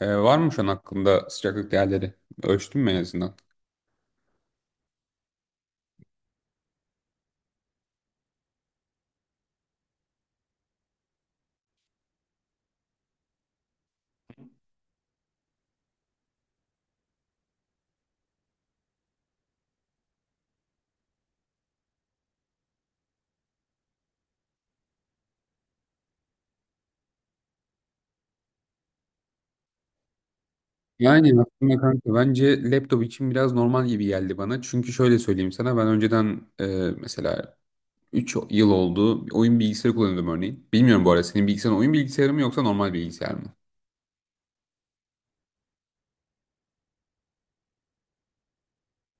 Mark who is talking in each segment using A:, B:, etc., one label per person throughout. A: Ee, var mı şu an hakkında sıcaklık değerleri? Ölçtün mü en azından? Yani aslında kanka bence laptop için biraz normal gibi geldi bana. Çünkü şöyle söyleyeyim sana ben önceden mesela 3 yıl oldu oyun bilgisayarı kullanıyordum örneğin. Bilmiyorum bu arada senin bilgisayarın oyun bilgisayarı mı yoksa normal bilgisayar mı?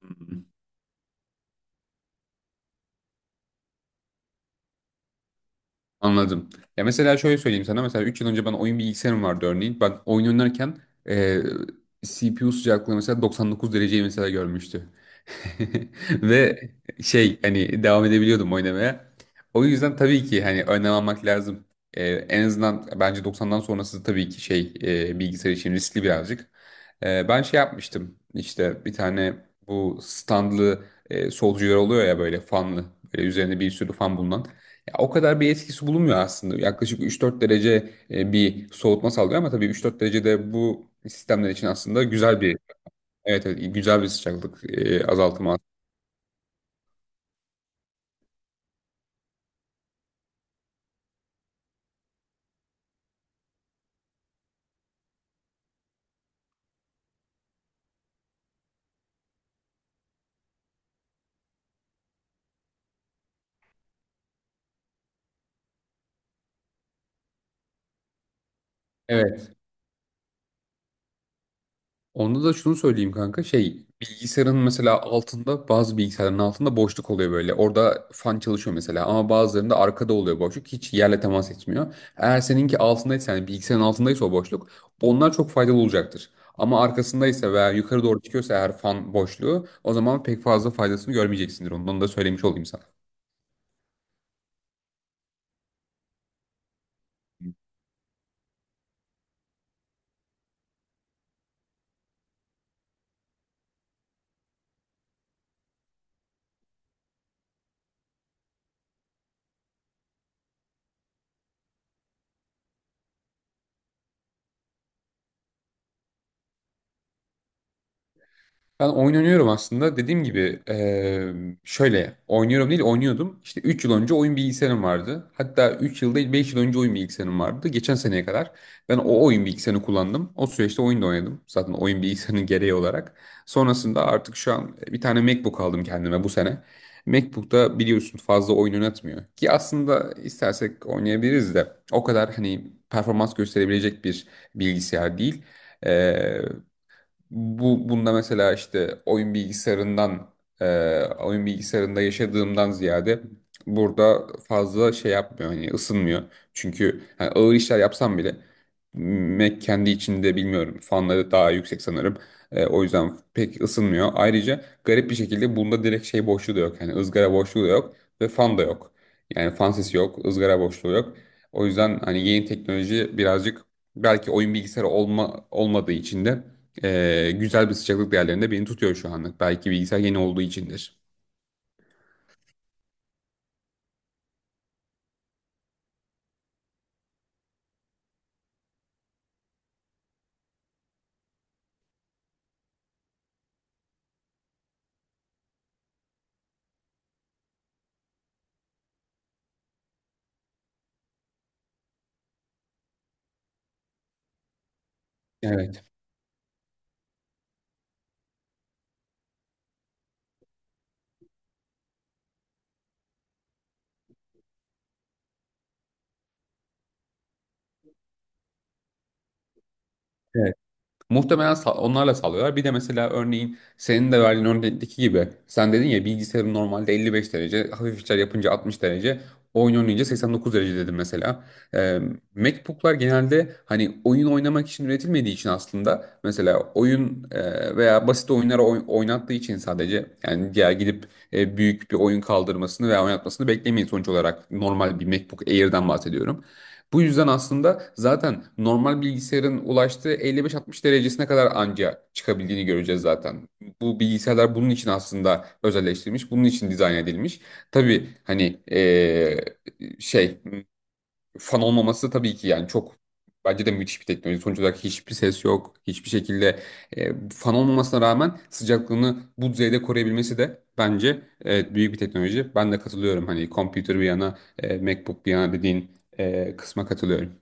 A: Hı. Anladım. Ya mesela şöyle söyleyeyim sana mesela 3 yıl önce ben oyun bilgisayarım vardı örneğin. Ben oyun oynarken e, CPU sıcaklığı mesela 99 dereceyi mesela görmüştü. Ve hani devam edebiliyordum oynamaya. O yüzden tabii ki hani önlem almak lazım. En azından bence 90'dan sonrası tabii ki bilgisayar için riskli birazcık. Ben şey yapmıştım işte bir tane bu standlı solcular oluyor ya, böyle fanlı, böyle üzerinde bir sürü fan bulunan. Ya, o kadar bir etkisi bulunmuyor aslında. Yaklaşık 3-4 derece bir soğutma sağlıyor ama tabii 3-4 derecede bu sistemler için aslında güzel bir, evet, evet, güzel bir sıcaklık azaltımı. Evet. Onda da şunu söyleyeyim kanka. Şey, bilgisayarın mesela altında, bazı bilgisayarların altında boşluk oluyor böyle. Orada fan çalışıyor mesela, ama bazılarında arkada oluyor boşluk. Hiç yerle temas etmiyor. Eğer seninki altındaysa, yani bilgisayarın altındaysa o boşluk, onlar çok faydalı olacaktır. Ama arkasındaysa veya yukarı doğru çıkıyorsa eğer fan boşluğu, o zaman pek fazla faydasını görmeyeceksindir. Ondan da söylemiş olayım sana. Ben oynanıyorum aslında. Dediğim gibi şöyle oynuyorum değil, oynuyordum. İşte 3 yıl önce oyun bilgisayarım vardı. Hatta 3 yıl değil, 5 yıl önce oyun bilgisayarım vardı. Geçen seneye kadar ben o oyun bilgisayarını kullandım. O süreçte oyun da oynadım. Zaten oyun bilgisayarının gereği olarak. Sonrasında artık şu an bir tane MacBook aldım kendime bu sene. MacBook'ta biliyorsun fazla oyun oynatmıyor. Ki aslında istersek oynayabiliriz de, o kadar hani performans gösterebilecek bir bilgisayar değil. Bu bunda, mesela, işte oyun bilgisayarından e, oyun bilgisayarında yaşadığımdan ziyade burada fazla şey yapmıyor, hani ısınmıyor. Çünkü hani ağır işler yapsam bile Mac kendi içinde, bilmiyorum, fanları daha yüksek sanırım. O yüzden pek ısınmıyor. Ayrıca garip bir şekilde bunda direkt şey boşluğu da yok. Yani ızgara boşluğu da yok ve fan da yok. Yani fan sesi yok, ızgara boşluğu yok. O yüzden hani yeni teknoloji birazcık, belki oyun bilgisayarı olma, olmadığı için de güzel bir sıcaklık değerlerinde beni tutuyor şu anlık. Belki bilgisayar yeni olduğu içindir. Evet. Muhtemelen onlarla sağlıyorlar. Bir de mesela, örneğin senin de verdiğin örnekteki gibi, sen dedin ya bilgisayarın normalde 55 derece, hafif işler yapınca 60 derece, oyun oynayınca 89 derece dedim mesela. Ee, MacBook'lar genelde hani oyun oynamak için üretilmediği için aslında mesela oyun veya basit oyunları oynattığı için sadece, yani diğer gidip büyük bir oyun kaldırmasını veya oynatmasını beklemeyin. Sonuç olarak normal bir MacBook Air'den bahsediyorum. Bu yüzden aslında zaten normal bilgisayarın ulaştığı 55-60 derecesine kadar anca çıkabildiğini göreceğiz zaten. Bu bilgisayarlar bunun için aslında özelleştirilmiş, bunun için dizayn edilmiş. Tabii hani şey fan olmaması tabii ki, yani çok, bence de müthiş bir teknoloji. Sonuç olarak hiçbir ses yok. Hiçbir şekilde fan olmamasına rağmen sıcaklığını bu düzeyde koruyabilmesi de bence, evet, büyük bir teknoloji. Ben de katılıyorum. Hani computer bir yana, MacBook bir yana dediğin kısma katılıyorum.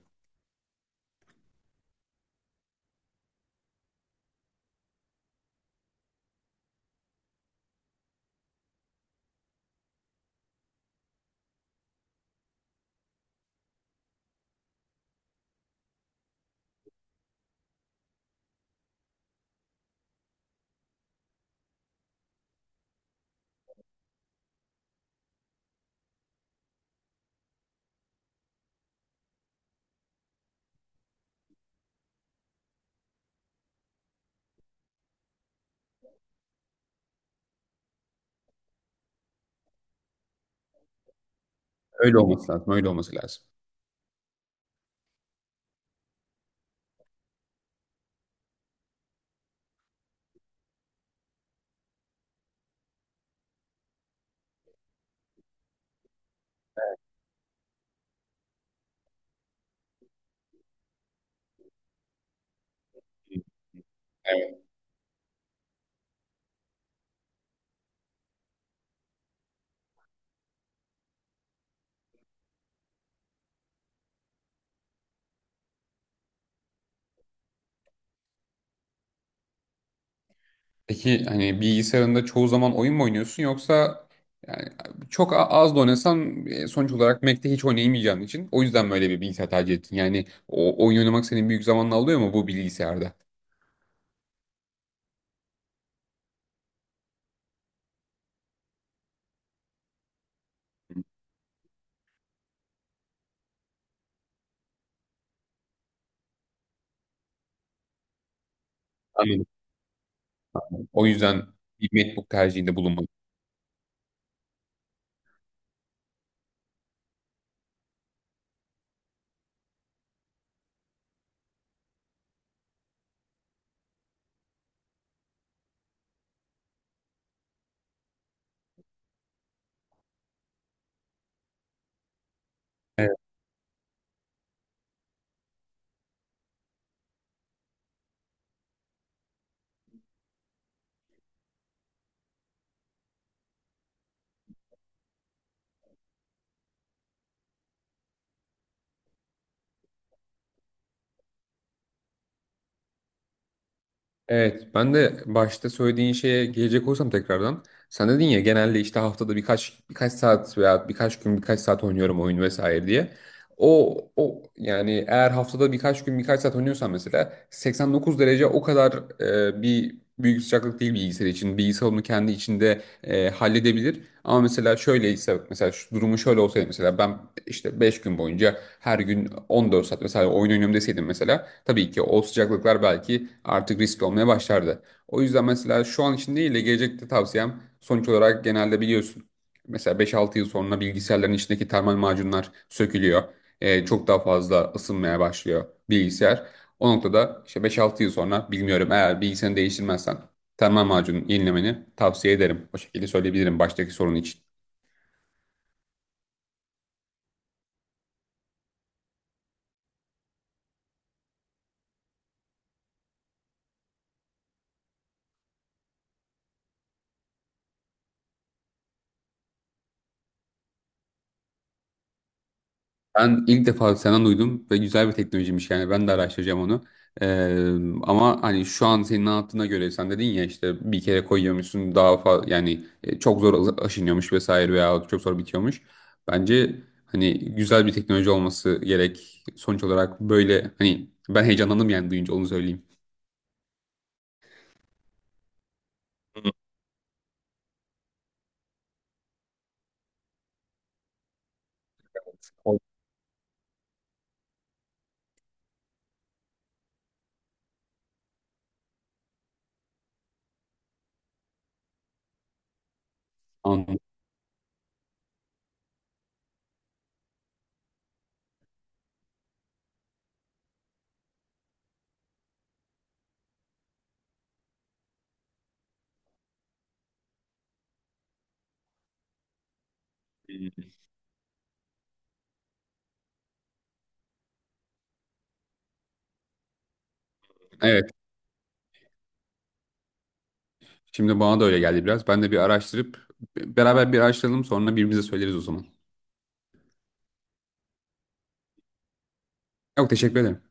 A: Öyle olması lazım. Öyle olması lazım. Peki hani bilgisayarında çoğu zaman oyun mu oynuyorsun, yoksa yani çok az da oynasan sonuç olarak Mac'te hiç oynayamayacağın için o yüzden böyle bir bilgisayar tercih ettin. Yani o oyun oynamak senin büyük zamanını alıyor mu bu bilgisayarda? Anladım. O yüzden bir MacBook tercihinde bulunmadın. Evet, ben de başta söylediğin şeye gelecek olursam tekrardan. Sen dedin ya genelde işte haftada birkaç saat veya birkaç gün birkaç saat oynuyorum oyun vesaire diye. O yani eğer haftada birkaç gün birkaç saat oynuyorsan mesela 89 derece o kadar bir büyük sıcaklık değil bilgisayar için. Bilgisayar onu kendi içinde halledebilir. Ama mesela şöyleyse, mesela şu durumu şöyle olsaydı, mesela ben işte 5 gün boyunca her gün 14 saat mesela oyun oynuyorum deseydim, mesela tabii ki o sıcaklıklar belki artık riskli olmaya başlardı. O yüzden mesela şu an için değil de gelecekte tavsiyem, sonuç olarak genelde biliyorsun, mesela 5-6 yıl sonra bilgisayarların içindeki termal macunlar sökülüyor. Çok daha fazla ısınmaya başlıyor bilgisayar. O noktada işte 5-6 yıl sonra, bilmiyorum, eğer bilgisayarını değiştirmezsen termal macunun yenilemeni tavsiye ederim. O şekilde söyleyebilirim baştaki sorun için. Ben ilk defa senden duydum ve güzel bir teknolojiymiş, yani ben de araştıracağım onu. Ee, ama hani şu an senin anlattığına göre sen dedin ya işte bir kere koyuyormuşsun, daha fazla yani çok zor aşınıyormuş vesaire veya çok zor bitiyormuş. Bence hani güzel bir teknoloji olması gerek. Sonuç olarak böyle hani ben heyecanlandım yani duyunca, onu söyleyeyim. Anladım. Evet. Şimdi bana da öyle geldi biraz. Ben de bir araştırıp, beraber bir araştıralım, sonra birbirimize söyleriz o zaman. Yok, teşekkür ederim.